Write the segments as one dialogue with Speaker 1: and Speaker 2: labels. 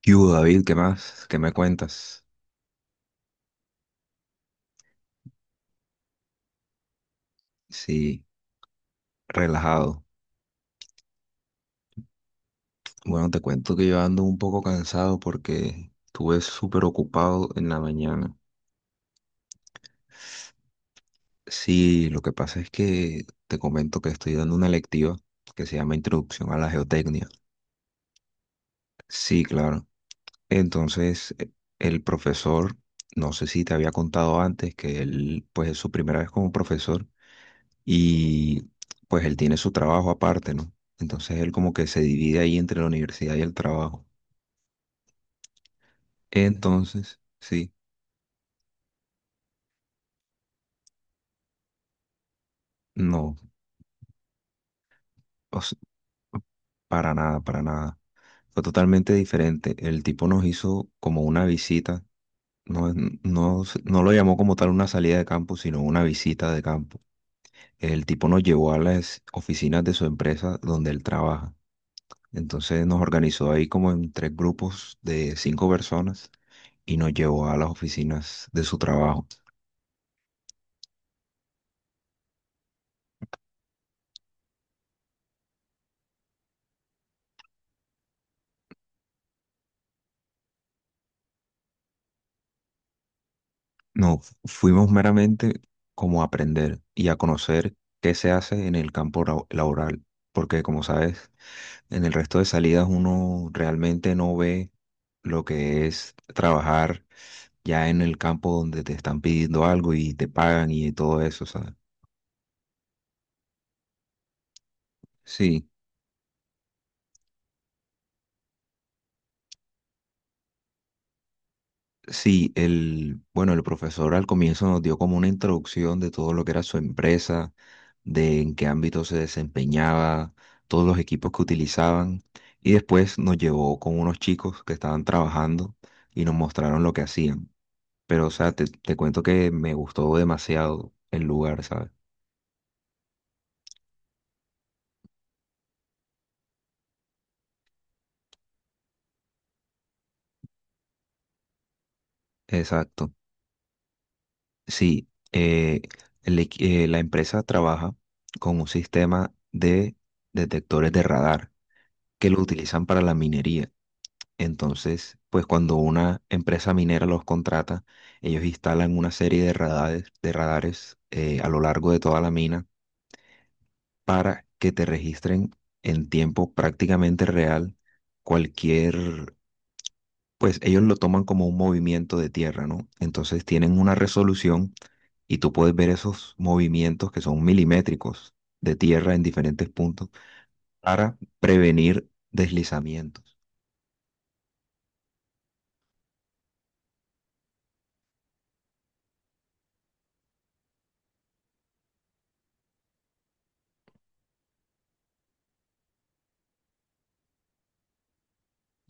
Speaker 1: ¿Qué hubo, David? ¿Qué más? ¿Qué me cuentas? Sí, relajado. Bueno, te cuento que yo ando un poco cansado porque estuve súper ocupado en la mañana. Sí, lo que pasa es que te comento que estoy dando una lectiva que se llama Introducción a la Geotecnia. Sí, claro. Entonces, el profesor, no sé si te había contado antes que él, pues es su primera vez como profesor y pues él tiene su trabajo aparte, ¿no? Entonces él como que se divide ahí entre la universidad y el trabajo. Entonces, sí, no, o s- para nada, para nada. Fue totalmente diferente. El tipo nos hizo como una visita, no, no, no lo llamó como tal una salida de campo, sino una visita de campo. El tipo nos llevó a las oficinas de su empresa donde él trabaja. Entonces nos organizó ahí como en tres grupos de cinco personas y nos llevó a las oficinas de su trabajo. No, fuimos meramente como a aprender y a conocer qué se hace en el campo laboral, porque como sabes, en el resto de salidas uno realmente no ve lo que es trabajar ya en el campo donde te están pidiendo algo y te pagan y todo eso, ¿sabes? Sí. Sí, bueno, el profesor al comienzo nos dio como una introducción de todo lo que era su empresa, de en qué ámbito se desempeñaba, todos los equipos que utilizaban, y después nos llevó con unos chicos que estaban trabajando y nos mostraron lo que hacían. Pero, o sea, te cuento que me gustó demasiado el lugar, ¿sabes? Exacto. Sí, eh, la empresa trabaja con un sistema de detectores de radar que lo utilizan para la minería. Entonces, pues cuando una empresa minera los contrata, ellos instalan una serie de radares, a lo largo de toda la mina para que te registren en tiempo prácticamente real cualquier, pues ellos lo toman como un movimiento de tierra, ¿no? Entonces tienen una resolución y tú puedes ver esos movimientos que son milimétricos de tierra en diferentes puntos para prevenir deslizamientos.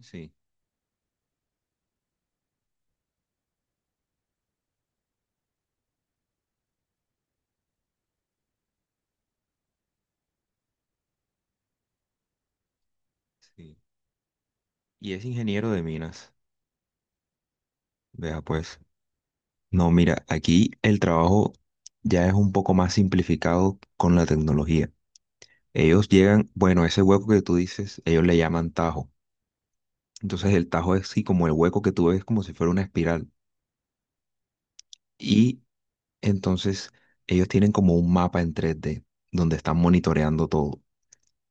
Speaker 1: Sí, sí. Y es ingeniero de minas. Vea pues. No, mira, aquí el trabajo ya es un poco más simplificado con la tecnología. Ellos llegan, bueno, ese hueco que tú dices, ellos le llaman tajo. Entonces el tajo es así como el hueco que tú ves como si fuera una espiral. Y entonces ellos tienen como un mapa en 3D donde están monitoreando todo.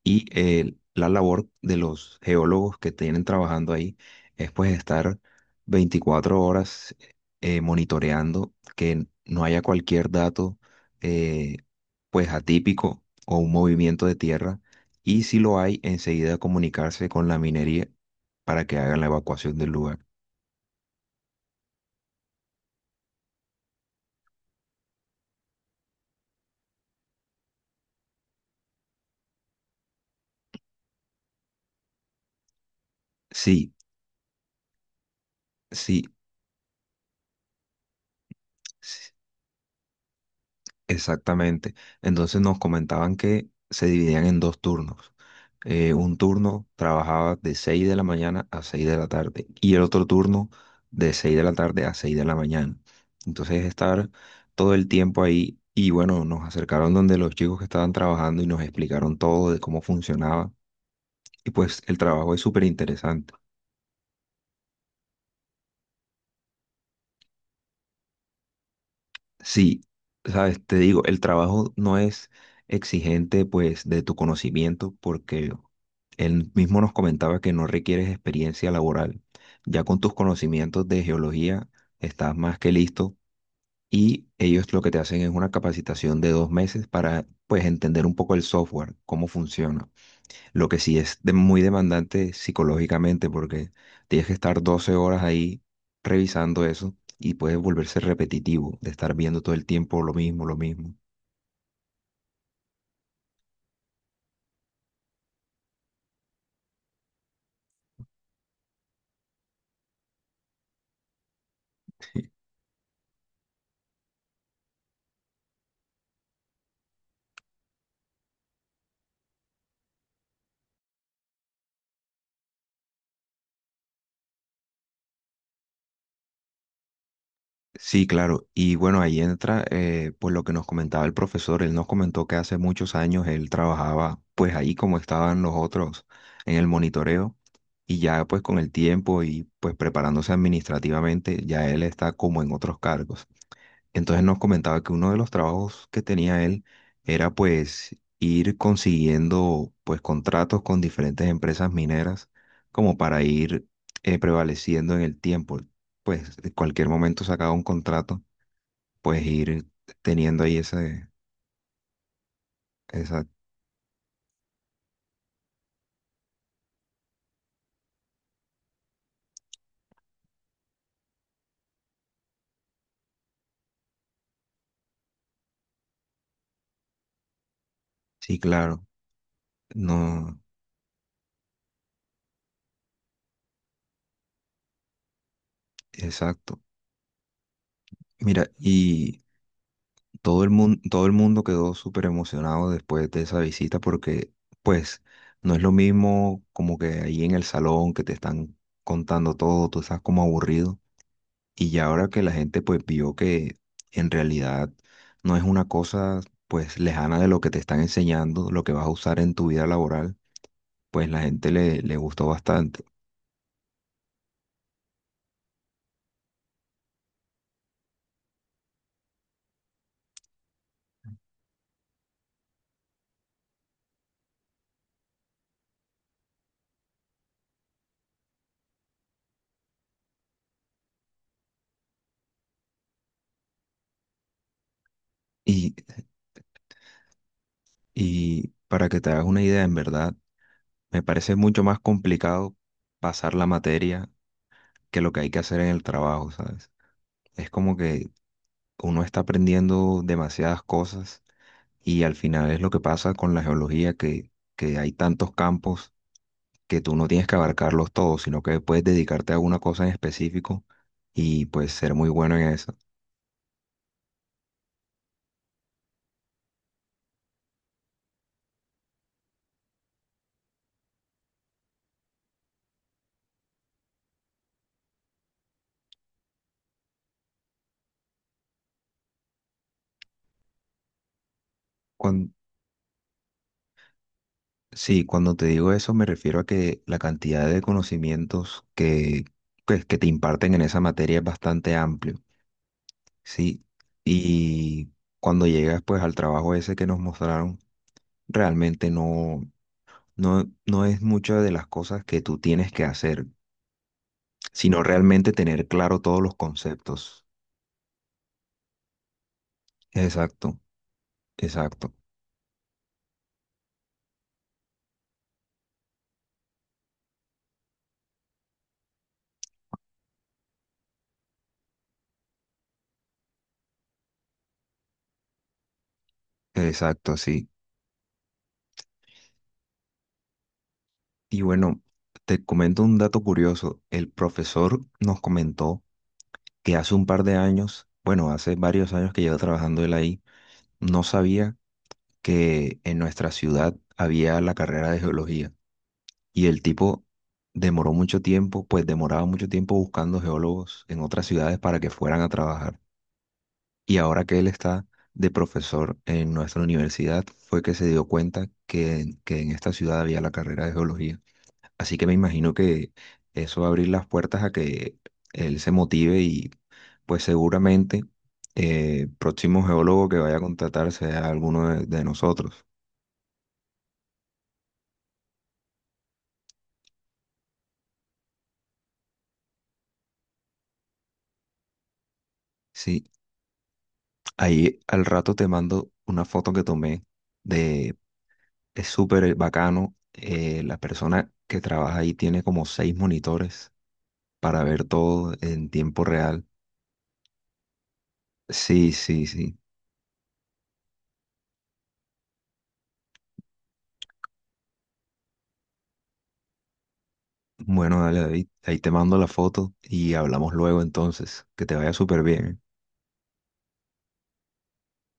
Speaker 1: Y la labor de los geólogos que tienen trabajando ahí es pues estar 24 horas monitoreando que no haya cualquier dato eh, pues atípico o un movimiento de tierra y si lo hay, enseguida comunicarse con la minería para que hagan la evacuación del lugar. Sí, sí, sí. Exactamente. Entonces nos comentaban que se dividían en dos turnos. Un turno trabajaba de 6 de la mañana a 6 de la tarde y el otro turno de 6 de la tarde a 6 de la mañana. Entonces estar todo el tiempo ahí y bueno, nos acercaron donde los chicos que estaban trabajando y nos explicaron todo de cómo funcionaba y pues el trabajo es súper interesante. Sí, sabes, te digo, el trabajo no es exigente pues de tu conocimiento porque él mismo nos comentaba que no requieres experiencia laboral. Ya con tus conocimientos de geología estás más que listo y ellos lo que te hacen es una capacitación de 2 meses para pues entender un poco el software, cómo funciona. Lo que sí es muy demandante psicológicamente porque tienes que estar 12 horas ahí revisando eso y puedes volverse repetitivo de estar viendo todo el tiempo lo mismo, lo mismo. Sí, claro. Y bueno, ahí entra pues lo que nos comentaba el profesor. Él nos comentó que hace muchos años él trabajaba pues ahí como estaban los otros en el monitoreo y ya pues con el tiempo y pues preparándose administrativamente, ya él está como en otros cargos. Entonces nos comentaba que uno de los trabajos que tenía él era pues ir consiguiendo pues contratos con diferentes empresas mineras como para ir prevaleciendo en el tiempo. Pues en cualquier momento sacaba un contrato, pues ir teniendo ahí ese, esa. Sí, claro. No. Exacto. Mira, y todo el mundo, todo el mundo quedó súper emocionado después de esa visita porque, pues, no es lo mismo como que ahí en el salón que te están contando todo, tú estás como aburrido. Y ya ahora que la gente pues vio que en realidad no es una cosa pues lejana de lo que te están enseñando, lo que vas a usar en tu vida laboral, pues la gente le gustó bastante. Y, y para que te hagas una idea, en verdad, me parece mucho más complicado pasar la materia que lo que hay que hacer en el trabajo, ¿sabes? Es como que uno está aprendiendo demasiadas cosas y al final es lo que pasa con la geología, que hay tantos campos que tú no tienes que abarcarlos todos, sino que puedes dedicarte a una cosa en específico y pues ser muy bueno en eso. Cuan- sí, cuando te digo eso me refiero a que la cantidad de conocimientos que, pues, que te imparten en esa materia es bastante amplio, ¿sí? Y cuando llegas pues al trabajo ese que nos mostraron, realmente no, no, no es mucho de las cosas que tú tienes que hacer, sino realmente tener claro todos los conceptos. Exacto, exacto, exacto, sí. Y bueno, te comento un dato curioso. El profesor nos comentó que hace un par de años, bueno, hace varios años que lleva trabajando él ahí, no sabía que en nuestra ciudad había la carrera de geología. Y el tipo demoró mucho tiempo, pues demoraba mucho tiempo buscando geólogos en otras ciudades para que fueran a trabajar. Y ahora que él está de profesor en nuestra universidad, fue que se dio cuenta que en esta ciudad había la carrera de geología. Así que me imagino que eso va a abrir las puertas a que él se motive y pues seguramente próximo geólogo que vaya a contratar sea alguno de nosotros. Sí, ahí al rato te mando una foto que tomé de. Es súper bacano. La persona que trabaja ahí tiene como seis monitores para ver todo en tiempo real. Sí, sí, sí. Bueno, dale, David, ahí te mando la foto y hablamos luego entonces. Que te vaya súper bien. ¿Eh?